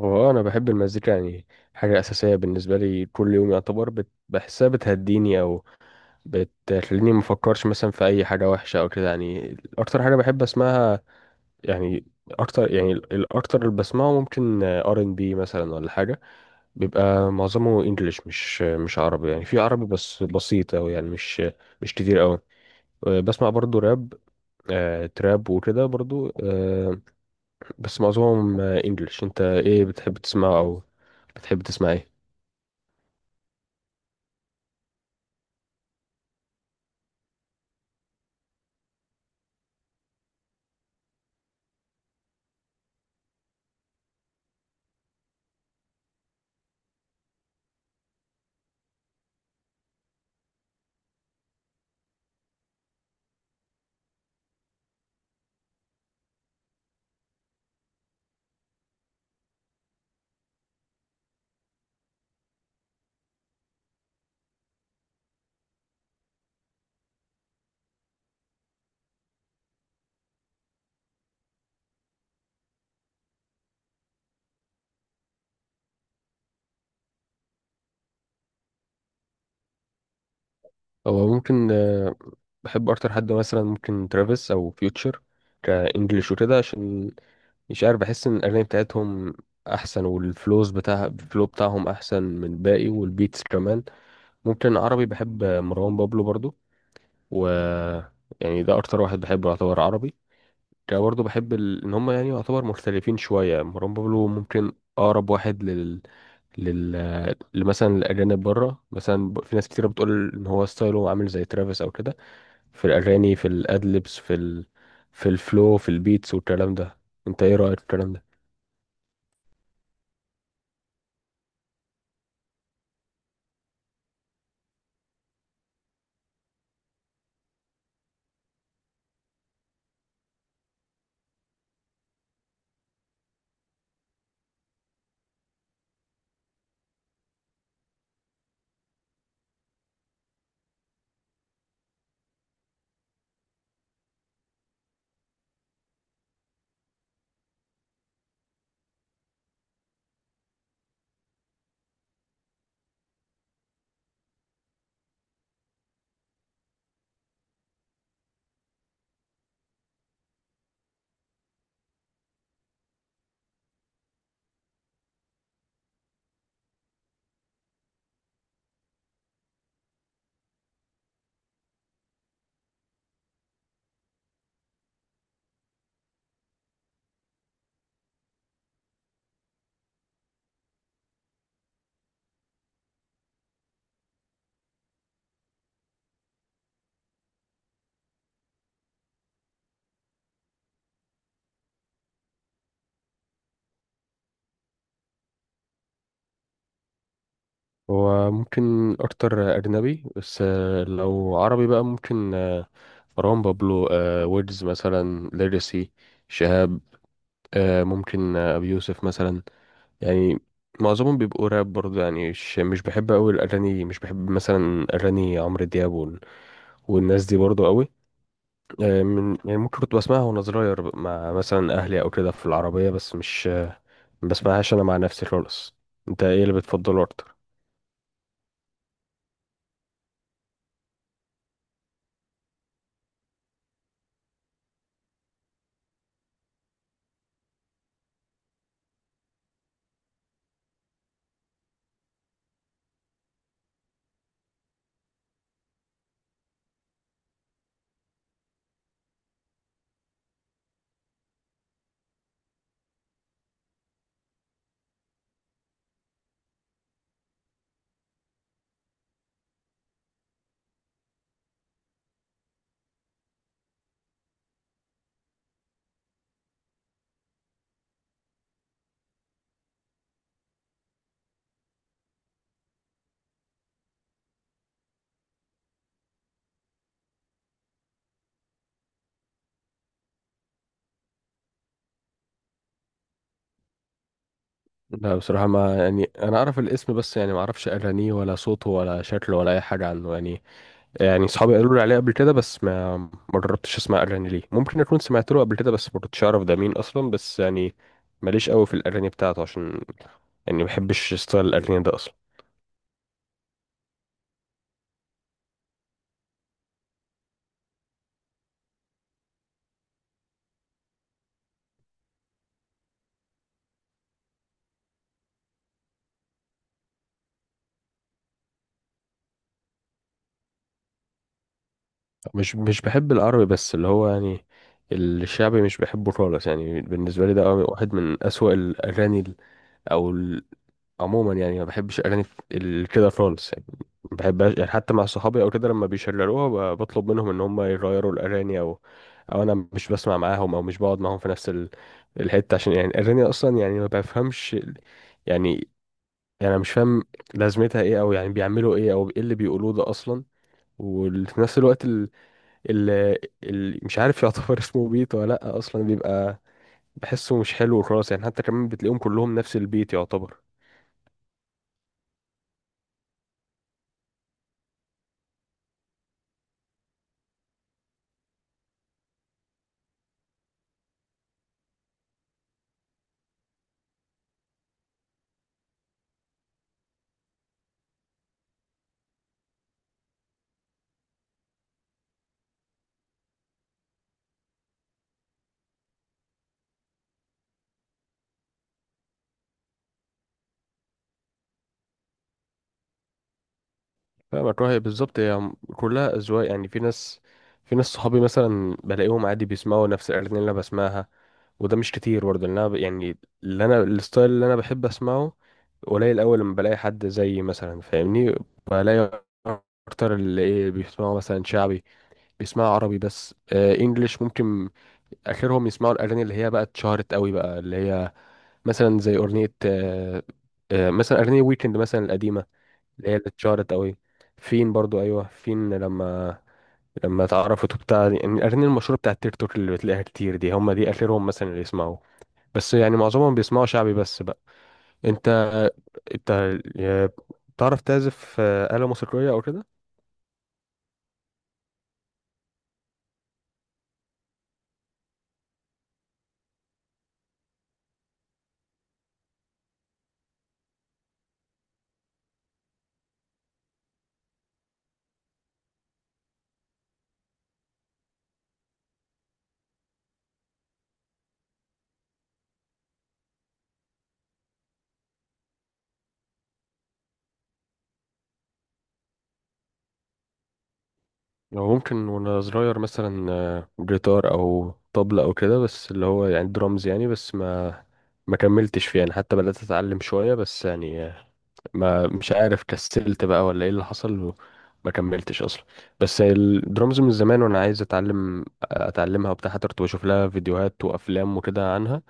هو انا بحب المزيكا يعني حاجه اساسيه بالنسبه لي كل يوم. يعتبر بحسها بتهديني او بتخليني ما افكرش مثلا في اي حاجه وحشه او كده. يعني اكتر حاجه بحب اسمعها يعني اكتر، يعني الاكتر اللي بسمعه ممكن ار ان بي مثلا ولا حاجه. بيبقى معظمه انجليش، مش عربي، يعني في عربي بس بسيط، او يعني مش كتير قوي. بسمع برضو راب، تراب وكده برضو. بس معظمهم انجليش. انت ايه بتحب تسمعه، او بتحب تسمع ايه؟ هو ممكن، بحب اكتر حد مثلا ممكن ترافيس او فيوتشر كانجليش وكده، عشان مش عارف، بحس ان الاغاني بتاعتهم احسن، والفلوز بتاع الفلو بتاعهم احسن من الباقي، والبيتس كمان. ممكن عربي بحب مروان بابلو برضو، و يعني ده اكتر واحد بحبه يعتبر عربي كده برضو. بحب ان هم يعني يعتبر مختلفين شويه. مروان بابلو ممكن اقرب واحد لل لل آه، لمثلا الاجانب بره. مثلا في ناس كتير بتقول ان هو ستايله عامل زي ترافيس او كده، في الأغاني، في الأدلبس، في في الفلو، في البيتس والكلام ده. انت ايه رأيك في الكلام ده؟ هو ممكن اكتر اجنبي، بس لو عربي بقى ممكن، مروان بابلو، ويجز، مثلا ليجاسي، شهاب، ممكن ابي يوسف مثلا. يعني معظمهم بيبقوا راب برضه، يعني مش بحب قوي الاغاني. مش بحب مثلا اغاني عمرو دياب والناس دي برضه قوي. من، يعني ممكن كنت بسمعها وانا صغير مع مثلا اهلي او كده في العربيه، بس مش بسمعهاش انا مع نفسي خالص. انت ايه اللي بتفضله اكتر؟ لا بصراحة، ما يعني انا اعرف الاسم، بس يعني ما اعرفش اغانيه ولا صوته ولا شكله ولا اي حاجة عنه. يعني يعني اصحابي قالوا لي عليه قبل كده بس ما جربتش اسمع اغاني ليه. ممكن اكون سمعت له قبل كده بس ما كنتش اعرف ده مين اصلا، بس يعني ماليش قوي في الاغاني بتاعته، عشان يعني ما بحبش ستايل الاغاني ده اصلا. مش بحب العربي، بس اللي هو يعني الشعبي مش بحبه خالص. يعني بالنسبة لي ده واحد من اسوأ الاغاني، او عموما، يعني ما بحبش اغاني كده خالص. يعني ما بحبهاش، يعني حتى مع صحابي او كده لما بيشغلوها بطلب منهم ان هم يغيروا الاغاني، او انا مش بسمع معاهم، او مش بقعد معاهم في نفس الحته. عشان يعني الاغاني اصلا يعني ما بفهمش يعني، يعني انا مش فاهم لازمتها ايه، او يعني بيعملوا ايه، او ايه اللي بيقولوه ده اصلا. وفي نفس الوقت ال... مش عارف يعتبر اسمه بيت ولا لا اصلا. بيبقى بحسه مش حلو خالص، يعني حتى كمان بتلاقيهم كلهم نفس البيت يعتبر. فاهمك. رأي بالظبط، هي كلها أذواق. يعني في ناس صحابي مثلا بلاقيهم عادي بيسمعوا نفس الأغاني اللي أنا بسمعها، وده مش كتير برضه، لأن أنا يعني اللي أنا، الستايل اللي أنا بحب أسمعه قليل أوي، لما بلاقي حد زيي مثلا، فاهمني؟ بلاقي أكتر اللي إيه، بيسمعوا مثلا شعبي، بيسمعوا عربي، بس آه إنجليش ممكن آخرهم يسمعوا الأغاني اللي هي بقى اتشهرت أوي، بقى اللي هي مثلا زي أغنية، مثلا أغنية ويكند مثلا القديمة، اللي هي اللي اتشهرت قوي فين برضو. ايوه فين لما اتعرفت وبتاع. يعني الاغاني المشهوره بتاعت التيك توك اللي بتلاقيها كتير دي، هم دي اخرهم مثلا اللي يسمعوه. بس يعني معظمهم بيسمعوا شعبي بس بقى. انت انت يا- بتعرف تعزف آلة موسيقية او كده؟ لو ممكن وانا صغير مثلا، جيتار او طبلة او كده، بس اللي هو يعني درامز يعني. بس ما كملتش فيه، يعني حتى بدأت اتعلم شوية بس يعني، ما مش عارف كسلت بقى ولا ايه اللي حصل، وما كملتش اصلا. بس الدرامز من زمان وانا عايز اتعلمها وبتاع، حتى كنت بشوف لها فيديوهات وافلام وكده عنها،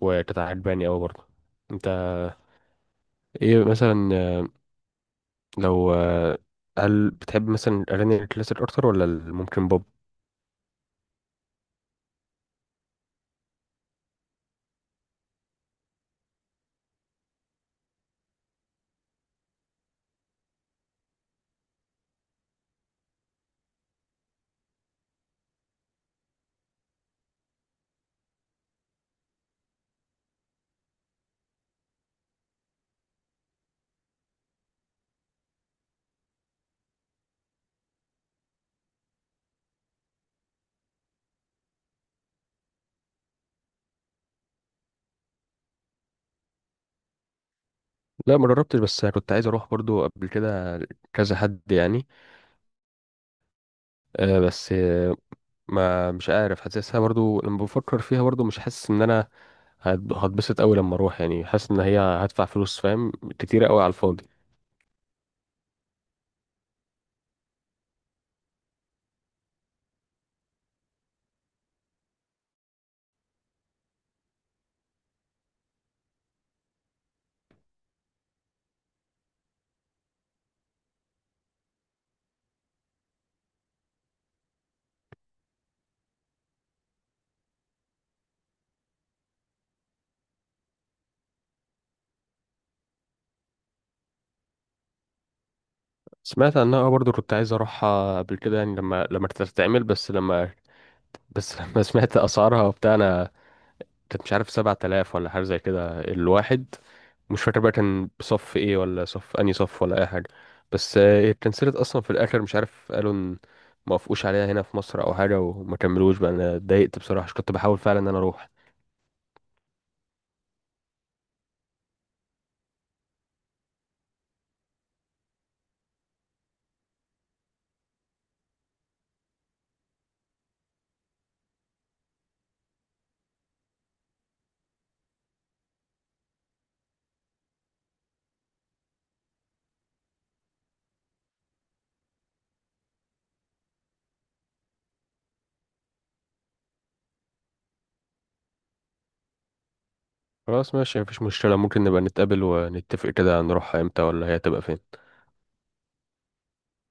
وكانت عجباني قوي برضه. انت ايه مثلا، آه، لو آه، هل بتحب مثلا الاغاني الكلاسيك اكتر، ولا ممكن بوب؟ لا ما جربتش، بس كنت عايز اروح برضو قبل كده كذا حد يعني. آه، بس آه، ما مش عارف، حاسسها برضو لما بفكر فيها برضو، مش حاسس ان انا هتبسط قوي لما اروح. يعني حاسس ان هي هدفع فلوس، فاهم، كتيره قوي على الفاضي. سمعت عنها برضو، كنت عايز اروحها قبل كده يعني لما تتعمل. بس لما، بس لما سمعت اسعارها وبتاع، انا كانت مش عارف، 7,000 ولا حاجه زي كده الواحد، مش فاكر بقى كان بصف ايه، ولا صف انهي صف ولا اي حاجه. بس اتكنسلت اصلا في الاخر. مش عارف، قالوا ان ما وافقوش عليها هنا في مصر او حاجه وما كملوش بقى. انا اتضايقت بصراحه عشان كنت بحاول فعلا ان انا اروح. خلاص ماشي، مفيش مشكلة، ممكن نبقى نتقابل ونتفق كده هنروح امتى، ولا هي تبقى فين.